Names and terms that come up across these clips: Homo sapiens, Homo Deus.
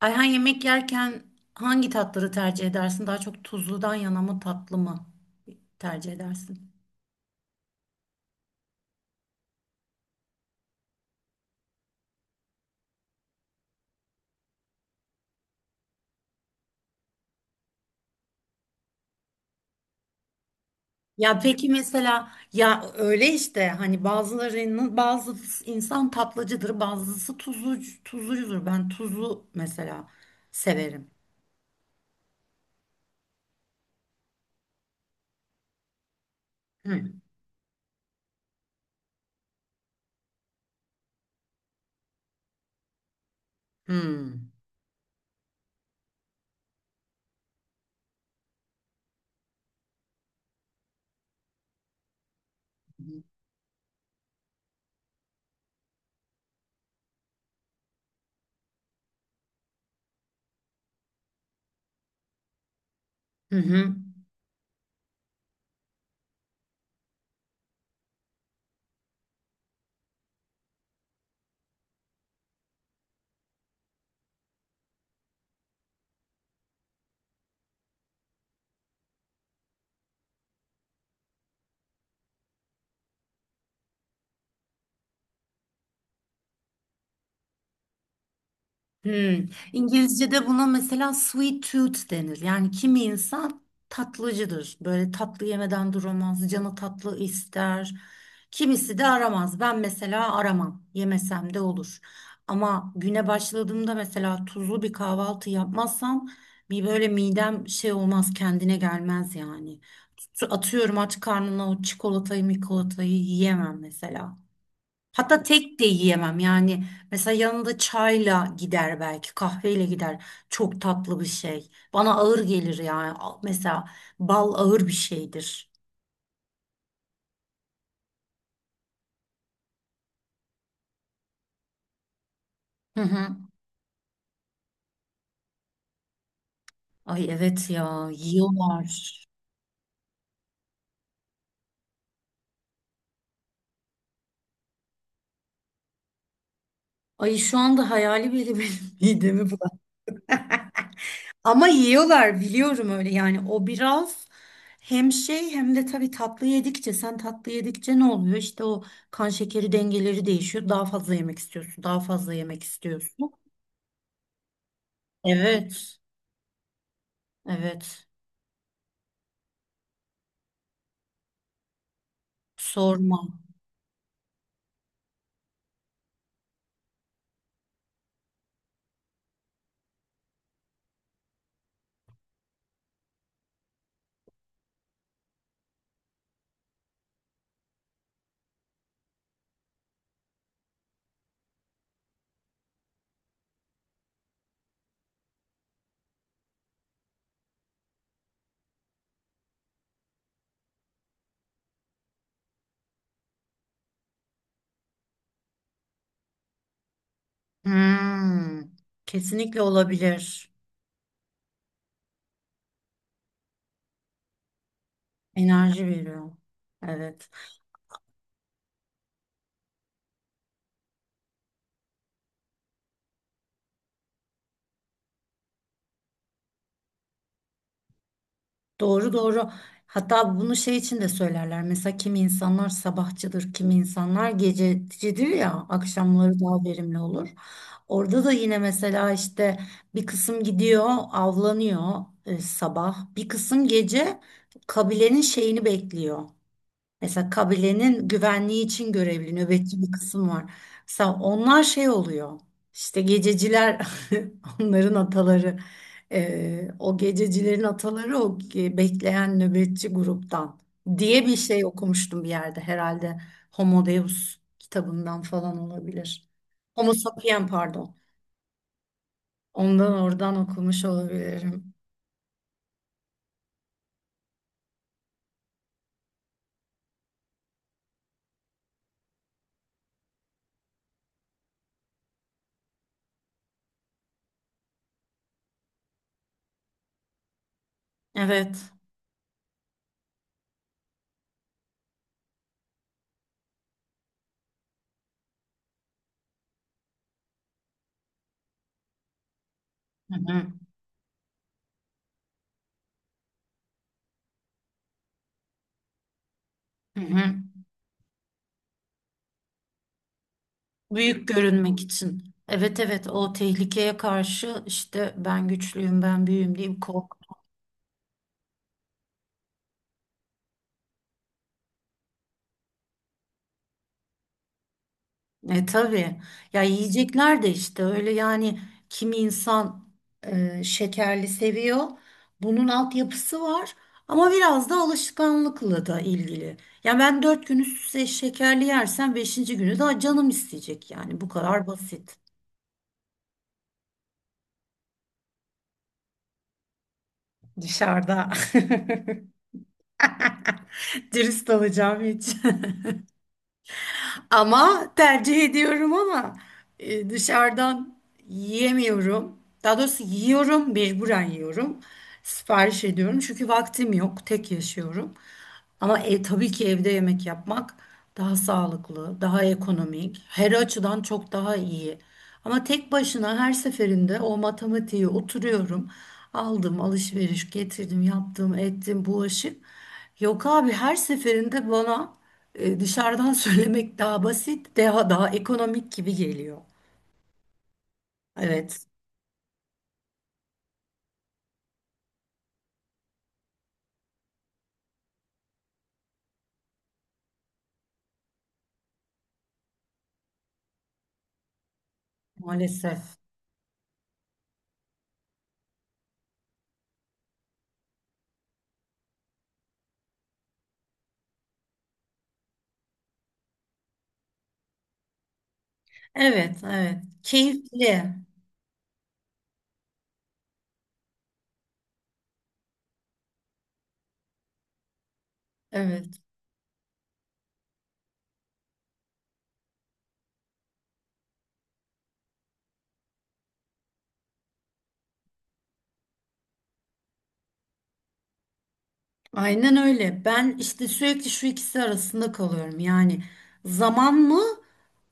Ayhan yemek yerken hangi tatları tercih edersin? Daha çok tuzludan yana mı tatlı mı tercih edersin? Ya peki mesela ya öyle işte hani bazılarının bazı insan tatlıcıdır, bazısı tuzlucudur. Ben tuzlu mesela severim. Hı hı. Hı hı. Hmm. İngilizce'de buna mesela sweet tooth denir. Yani kimi insan tatlıcıdır. Böyle tatlı yemeden duramaz, canı tatlı ister. Kimisi de aramaz. Ben mesela aramam. Yemesem de olur. Ama güne başladığımda mesela tuzlu bir kahvaltı yapmazsam bir böyle midem şey olmaz, kendine gelmez yani. Atıyorum aç karnına o çikolatayı, mikolatayı yiyemem mesela. Hatta tek de yiyemem yani. Mesela yanında çayla gider belki, kahveyle gider. Çok tatlı bir şey. Bana ağır gelir yani. Mesela bal ağır bir şeydir. Hı hı. Ay evet ya, yiyorlar. Ay şu anda hayali bile benim midemi bulandı. Ama yiyorlar biliyorum öyle yani. O biraz hem şey hem de tabii tatlı yedikçe sen tatlı yedikçe ne oluyor? İşte o kan şekeri dengeleri değişiyor. Daha fazla yemek istiyorsun, daha fazla yemek istiyorsun. Evet. Evet. Sorma. Hmm. Kesinlikle olabilir. Enerji veriyor. Evet. Doğru doğru. Hatta bunu şey için de söylerler. Mesela kimi insanlar sabahçıdır, kimi insanlar gececidir ya, akşamları daha verimli olur. Orada da yine mesela işte bir kısım gidiyor, avlanıyor sabah. Bir kısım gece kabilenin şeyini bekliyor. Mesela kabilenin güvenliği için görevli nöbetçi bir kısım var. Mesela onlar şey oluyor. İşte gececiler onların ataları. O gececilerin ataları o ge- bekleyen nöbetçi gruptan diye bir şey okumuştum bir yerde. Herhalde Homo Deus kitabından falan olabilir. Homo sapien pardon. Ondan oradan okumuş olabilirim. Evet. Hı hı. Hı hı. Büyük görünmek için. Evet evet o tehlikeye karşı işte ben güçlüyüm ben büyüğüm diye bir korku. E tabii. Ya yiyecekler de işte öyle yani kimi insan şekerli seviyor. Bunun altyapısı var ama biraz da alışkanlıkla da ilgili. Ya ben 4 gün üst üste şekerli yersem beşinci günü daha canım isteyecek yani bu kadar basit. Dışarıda. Dürüst olacağım hiç. Ama tercih ediyorum ama dışarıdan yiyemiyorum. Daha doğrusu yiyorum, mecburen yiyorum. Sipariş ediyorum çünkü vaktim yok, tek yaşıyorum. Ama tabii ki evde yemek yapmak daha sağlıklı, daha ekonomik, her açıdan çok daha iyi. Ama tek başına her seferinde o matematiğe oturuyorum. Aldım alışveriş getirdim yaptım ettim bulaşık. Yok abi her seferinde bana dışarıdan söylemek daha basit daha ekonomik gibi geliyor. Evet maalesef. Evet evet keyifli. Evet aynen öyle. Ben işte sürekli şu ikisi arasında kalıyorum yani zaman mı?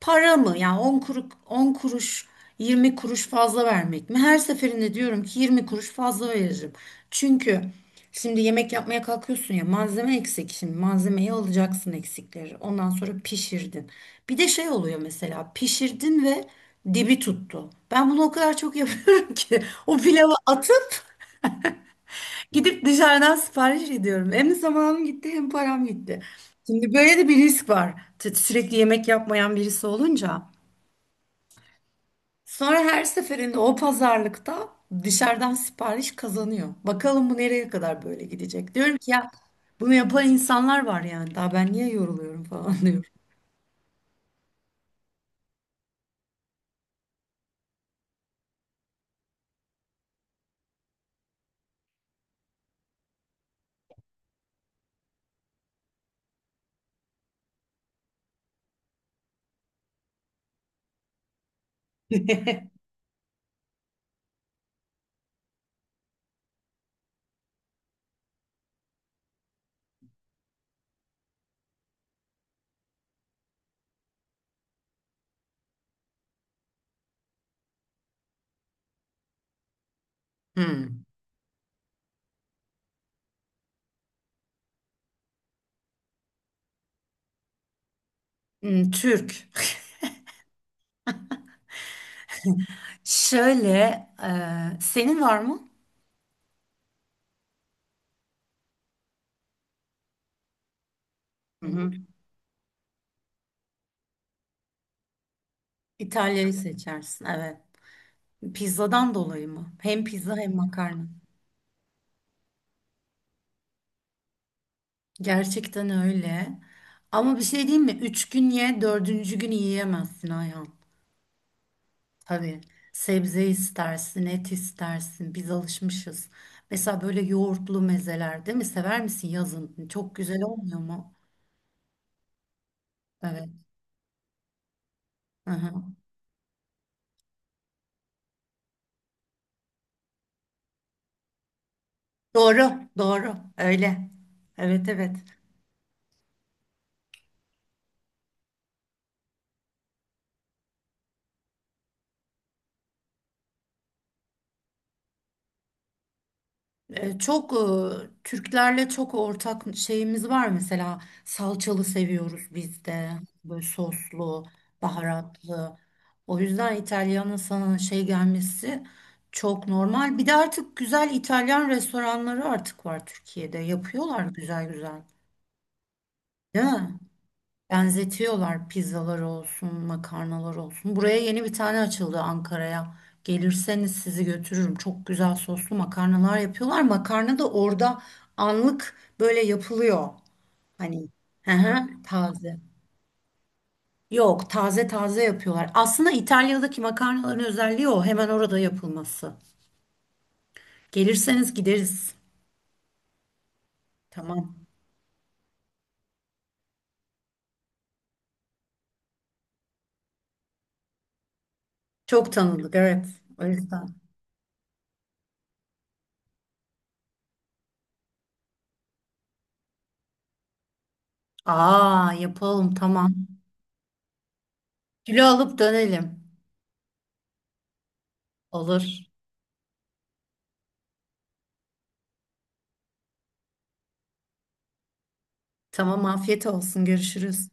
Para mı? Yani 10 kuruş, 10 kuruş, 20 kuruş fazla vermek mi? Her seferinde diyorum ki 20 kuruş fazla veririm. Çünkü şimdi yemek yapmaya kalkıyorsun ya malzeme eksik. Şimdi malzemeyi alacaksın eksikleri. Ondan sonra pişirdin. Bir de şey oluyor mesela pişirdin ve dibi tuttu. Ben bunu o kadar çok yapıyorum ki o pilavı atıp gidip dışarıdan sipariş ediyorum. Hem zamanım gitti hem param gitti. Şimdi böyle de bir risk var. Sürekli yemek yapmayan birisi olunca. Sonra her seferinde o pazarlıkta dışarıdan sipariş kazanıyor. Bakalım bu nereye kadar böyle gidecek. Diyorum ki ya bunu yapan insanlar var yani. Daha ben niye yoruluyorum falan diyorum. Hmm. Hmm, Türk. Şöyle, e, senin var mı? Hı hı. İtalya'yı seçersin. Evet. Pizzadan dolayı mı? Hem pizza hem makarna. Gerçekten öyle. Ama bir şey diyeyim mi? 3 gün ye, dördüncü gün yiyemezsin Ayhan. Tabii sebze istersin, et istersin. Biz alışmışız. Mesela böyle yoğurtlu mezeler değil mi? Sever misin yazın? Çok güzel olmuyor mu? Evet. Hı hı. Doğru, doğru. Öyle. Evet, evet. Çok Türklerle çok ortak şeyimiz var mesela salçalı seviyoruz biz de böyle soslu baharatlı o yüzden İtalyan'ın sana şey gelmesi çok normal bir de artık güzel İtalyan restoranları artık var Türkiye'de yapıyorlar güzel güzel değil mi? Benzetiyorlar pizzalar olsun, makarnalar olsun. Buraya yeni bir tane açıldı Ankara'ya. Gelirseniz sizi götürürüm. Çok güzel soslu makarnalar yapıyorlar. Makarna da orada anlık böyle yapılıyor. Hani hı hı, taze. Yok, taze taze yapıyorlar. Aslında İtalya'daki makarnaların özelliği o. Hemen orada yapılması. Gelirseniz gideriz. Tamam. Çok tanıdık, evet. O yüzden. Aa, yapalım, tamam. Kilo alıp dönelim. Olur. Tamam afiyet olsun görüşürüz.